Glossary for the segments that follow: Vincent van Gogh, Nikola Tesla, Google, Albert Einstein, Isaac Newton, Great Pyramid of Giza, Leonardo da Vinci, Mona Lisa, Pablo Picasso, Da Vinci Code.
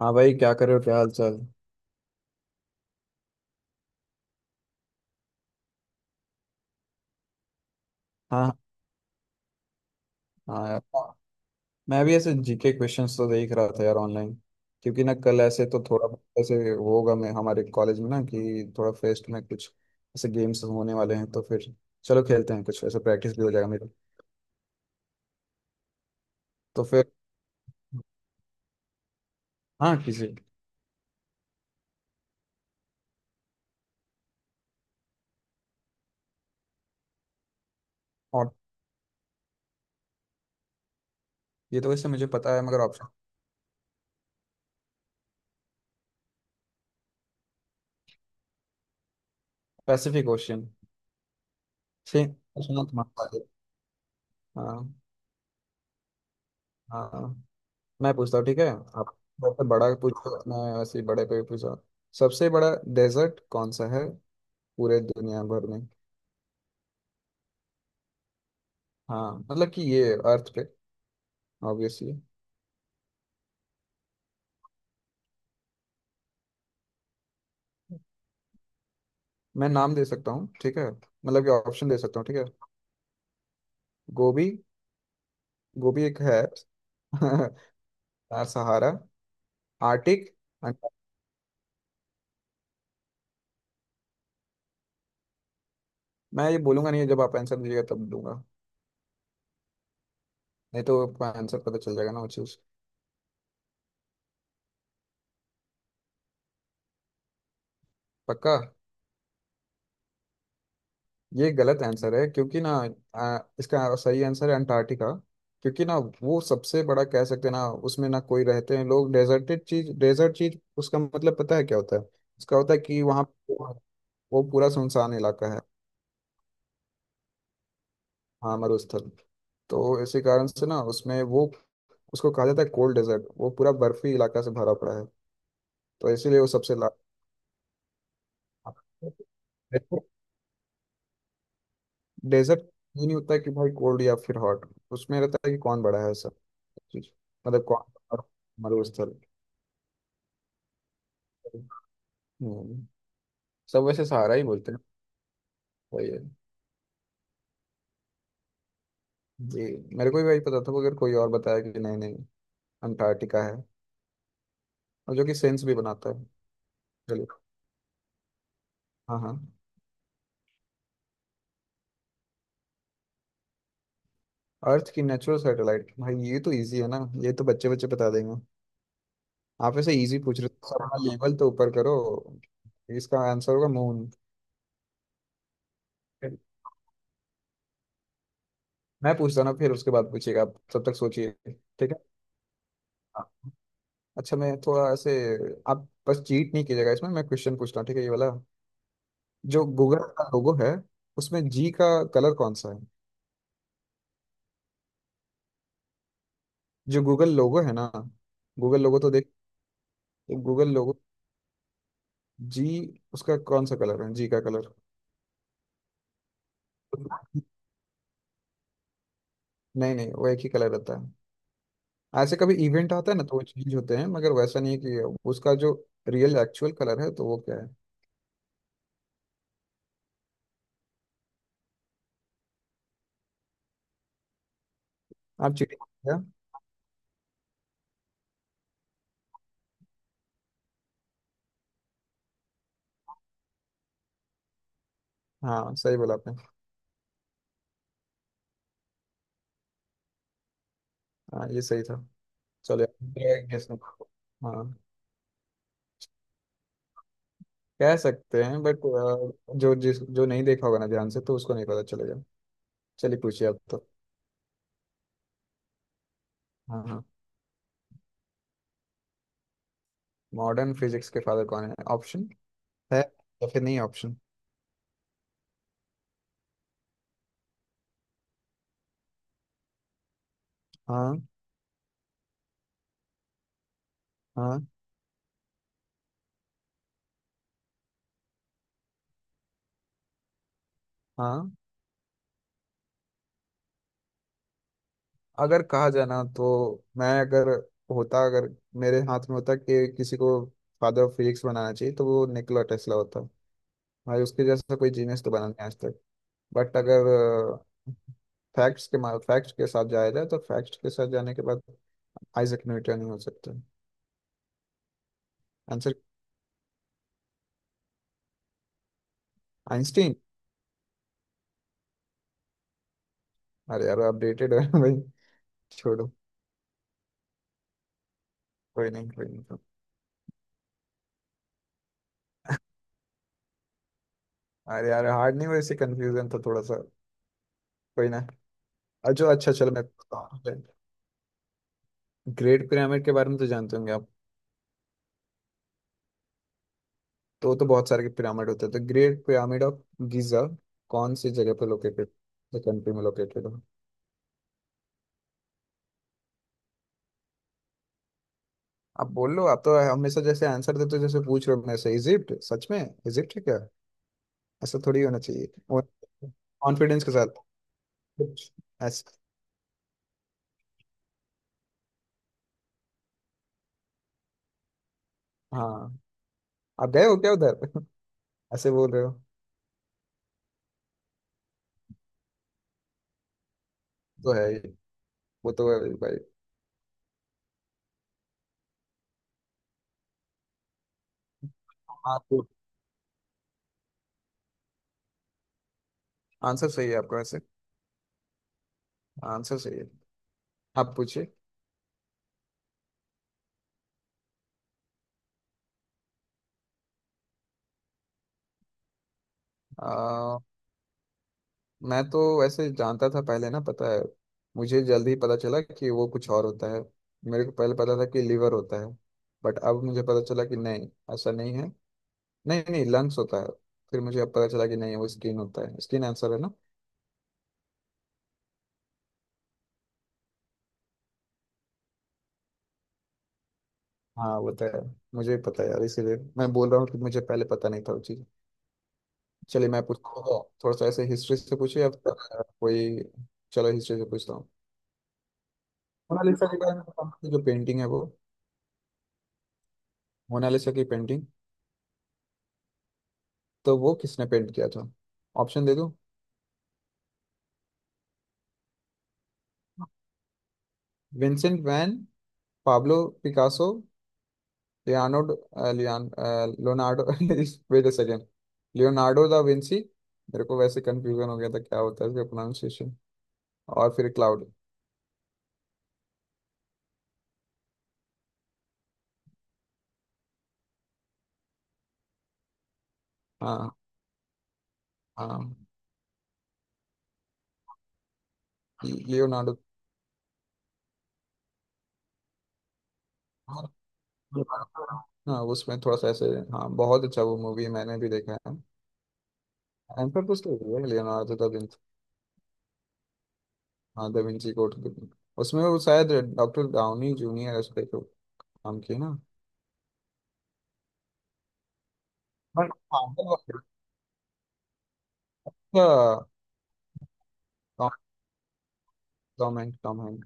हाँ भाई, क्या कर रहे हो? क्या हाल चाल? हाँ, हाँ यार हाँ। मैं भी ऐसे जीके क्वेश्चंस तो देख रहा था यार ऑनलाइन, क्योंकि ना कल ऐसे तो थोड़ा बहुत ऐसे होगा मैं हमारे कॉलेज में ना कि थोड़ा फेस्ट में कुछ ऐसे गेम्स होने वाले हैं। तो फिर चलो खेलते हैं, कुछ ऐसे प्रैक्टिस भी हो जाएगा मेरा। तो फिर हाँ, किसी और, ये तो वैसे मुझे पता है मगर ऑप्शन। Pacific Ocean. ठीक। सुनो, तुम्हारे पास है। हाँ। हाँ, मैं पूछता हूँ ठीक है आप। बहुत बड़ा पूछो, मैं वैसे ही बड़े पे पूछा। सबसे बड़ा डेजर्ट कौन सा है पूरे दुनिया भर में? हाँ, मतलब कि ये अर्थ पे, ऑब्वियसली। मैं नाम दे सकता हूँ, ठीक है, मतलब कि ऑप्शन दे सकता हूँ, ठीक है। गोभी। गोभी एक है। यार, सहारा, आर्टिक, अंटा-, मैं ये बोलूंगा नहीं, जब आप आंसर दीजिएगा तब दूंगा। नहीं तो आपको आंसर पता चल जाएगा ना वो चीज। पक्का। ये गलत आंसर है, क्योंकि ना, इसका सही आंसर है अंटार्कटिका। क्योंकि ना, वो सबसे बड़ा कह सकते हैं ना, उसमें ना कोई रहते हैं लोग। डेजर्टेड चीज, डेजर्ट चीज, उसका मतलब पता है क्या होता है? उसका होता है कि वहाँ वो पूरा सुनसान इलाका है। हाँ, मरुस्थल। तो इसी कारण से ना उसमें वो, उसको कहा जाता है कोल्ड डेजर्ट। वो पूरा बर्फी इलाका से भरा पड़ा है। तो इसीलिए वो सबसे ला, डेजर्ट ये नहीं होता कि भाई कोल्ड या फिर हॉट। उसमें रहता है कि कौन बड़ा है सब चीज, मतलब कौन और मरुस्थल। हम्म, सब वैसे सहारा ही बोलते हैं। वही है जी, मेरे को भी वही पता था, मगर कोई और बताया कि नहीं नहीं, अंटार्कटिका है। और जो कि सेंस भी बनाता है। चलिए। हाँ हाँ। अर्थ की नेचुरल सैटेलाइट, भाई ये तो इजी है ना। ये तो बच्चे बच्चे बता देंगे। आप ऐसे इजी पूछ रहे हो सर, अपना लेवल तो ऊपर करो। इसका आंसर होगा मून। मैं पूछता हूँ ना, फिर उसके बाद पूछिएगा आप, तब तक सोचिए ठीक है। हाँ। अच्छा, मैं थोड़ा ऐसे, आप बस चीट नहीं कीजिएगा इसमें, मैं क्वेश्चन पूछता हूँ ठीक है ये वाला। जो गूगल का लोगो है, उसमें जी का कलर कौन सा है? जो गूगल लोगो है ना, गूगल लोगो तो देख, गूगल लोगो, जी, उसका कौन सा कलर है, जी का कलर। नहीं नहीं, वो एक ही कलर रहता है। ऐसे कभी इवेंट आता है ना तो वो चेंज होते हैं, मगर वैसा नहीं कि। उसका जो रियल एक्चुअल कलर है तो वो क्या है? आप चीटिंग क्या। हाँ, सही बोला आपने। हाँ, ये सही था। चलो। गेस। हाँ। कह सकते हैं बट, जो जिस जो नहीं देखा होगा ना ध्यान से, तो उसको नहीं पता चलेगा। चलिए पूछिए आप तो। हाँ हाँ। मॉडर्न फिजिक्स के फादर कौन है? ऑप्शन है, या फिर नहीं ऑप्शन? हाँ। हाँ। हाँ। अगर कहा जाए ना तो, मैं अगर होता, अगर मेरे हाथ में होता कि किसी को फादर ऑफ फिजिक्स बनाना चाहिए तो वो निकोला टेस्ला होता। भाई उसके जैसा कोई जीनियस तो बना नहीं आज तक। बट अगर फैक्ट्स के, फैक्ट्स के साथ जाया जाए तो फैक्ट्स के साथ जाने के बाद आइजक न्यूटन ही हो सकते हैं आंसर। आइंस्टीन? अरे यार, अपडेटेड है भाई। छोड़ो। कोई नहीं। अरे यार, हार्ड नहीं, वैसे कंफ्यूजन था थोड़ा सा। कोई ना। अच्छा अच्छा, चलो मैं। ग्रेट पिरामिड के बारे में तो जानते होंगे आप। तो बहुत सारे पिरामिड होते हैं, तो ग्रेट पिरामिड ऑफ गीजा कौन सी जगह पे लोकेटेड, कंट्री में लोकेटेड हो? आप बोल लो, आप तो हमेशा जैसे आंसर देते हो जैसे पूछ रहे हो। मैं से इजिप्ट, सच में इजिप्ट है क्या? ऐसा थोड़ी होना चाहिए, कॉन्फिडेंस के साथ कुछ ऐसा। हाँ। आप गए हो क्या उधर ऐसे बोल रहे हो। तो है ही, वो तो है ही भाई। हाँ तो, आंसर सही है आपका वैसे। आंसर सही है। आप पूछिए। मैं तो वैसे जानता था पहले ना, पता है, मुझे जल्दी पता चला कि वो कुछ और होता है। मेरे को पहले पता था कि लिवर होता है। बट अब मुझे पता चला कि नहीं, ऐसा नहीं है। नहीं नहीं, लंग्स होता है। फिर मुझे अब पता चला कि नहीं, वो स्किन होता है। स्किन आंसर है ना। हाँ, वो तो है। मुझे भी पता है यार, इसीलिए मैं बोल रहा हूँ कि मुझे पहले पता नहीं था वो चीज़। चलिए, मैं पूछता हूँ थोड़ा सा ऐसे। हिस्ट्री से पूछिए अब कोई। चलो, हिस्ट्री से पूछता हूँ। मोनालिसा के बारे में बताओ, जो पेंटिंग है वो। मोनालिसा की पेंटिंग, तो वो किसने पेंट किया था? ऑप्शन दे दूं? विंसेंट वैन, पाब्लो पिकासो, लियानो, लियान, Leonardo, wait a second, Leonardo da Vinci. मेरे को वैसे कंफ्यूजन हो गया था क्या होता है इसका प्रोनाउंसिएशन। और फिर क्लाउड। हाँ। हाँ, लियोनार्डो। हाँ, उसमें थोड़ा सा ऐसे। हाँ, बहुत अच्छा वो मूवी है, मैंने भी देखा है। आंसर तो सही है, लियोनार्डो दा विंसी। हाँ, दा विंची कोड। उसमें वो शायद डॉक्टर डाउनी जूनियर ऐसे करके नाम किए ना। Bueno, vamos a-, Tom, Tom Hank.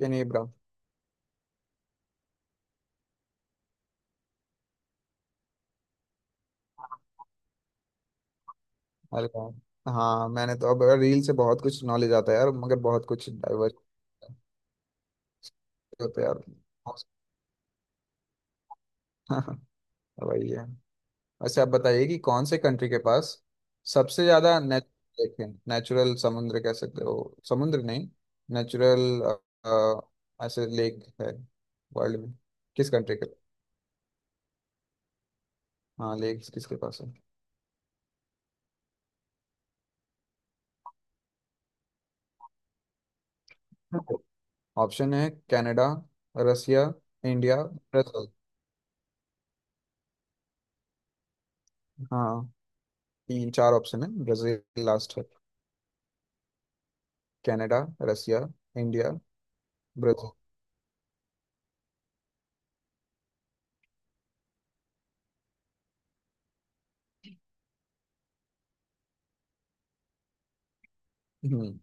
Ken Ibrahim. अरे यार। हाँ, मैंने तो अब रील से बहुत कुछ नॉलेज आता है यार, मगर बहुत कुछ डाइवर्स होता है यार। हाँ, वही है। वैसे आप बताइए कि कौन से कंट्री के पास सबसे ज्यादा नेचुरल लेक है, नेचुरल समुद्र कह सकते हो, समुद्र नहीं, नेचुरल ऐसे लेक है वर्ल्ड में? किस कंट्री के, हाँ, लेक्स किसके पास है? ऑप्शन है, कनाडा, रसिया, इंडिया, ब्राजील। हाँ, तीन चार ऑप्शन है, ब्राजील लास्ट है। Canada, Russia, India, Brazil. हम्म।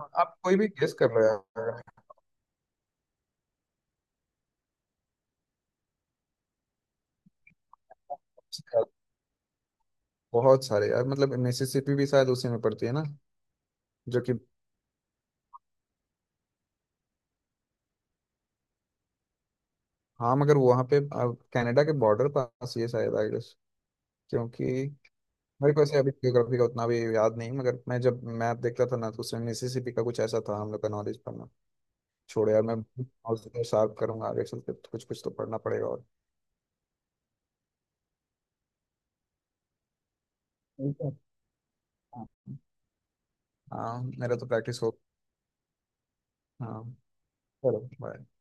आप कोई भी गेस कर रहे हैं। बहुत सारे यार, मतलब मिसिसिपी भी शायद उसी में पड़ती है ना, जो कि। हाँ, मगर वहाँ पे अब कनाडा के बॉर्डर पास ये शायद आई गेस। क्योंकि मेरे को ऐसे अभी ज्योग्राफी का उतना भी याद नहीं, मगर मैं जब मैप देखता था ना तो उसमें मिसिसिपी का कुछ ऐसा था हम लोग का नॉलेज। छोड़ यार, मैं नॉलेज को शार्प करूंगा आगे चल के, तो कुछ कुछ तो पढ़ना पड़ेगा और। ठीक है। हाँ, हाँ मेरा तो प्रैक्टिस हो। हाँ, चलो bye।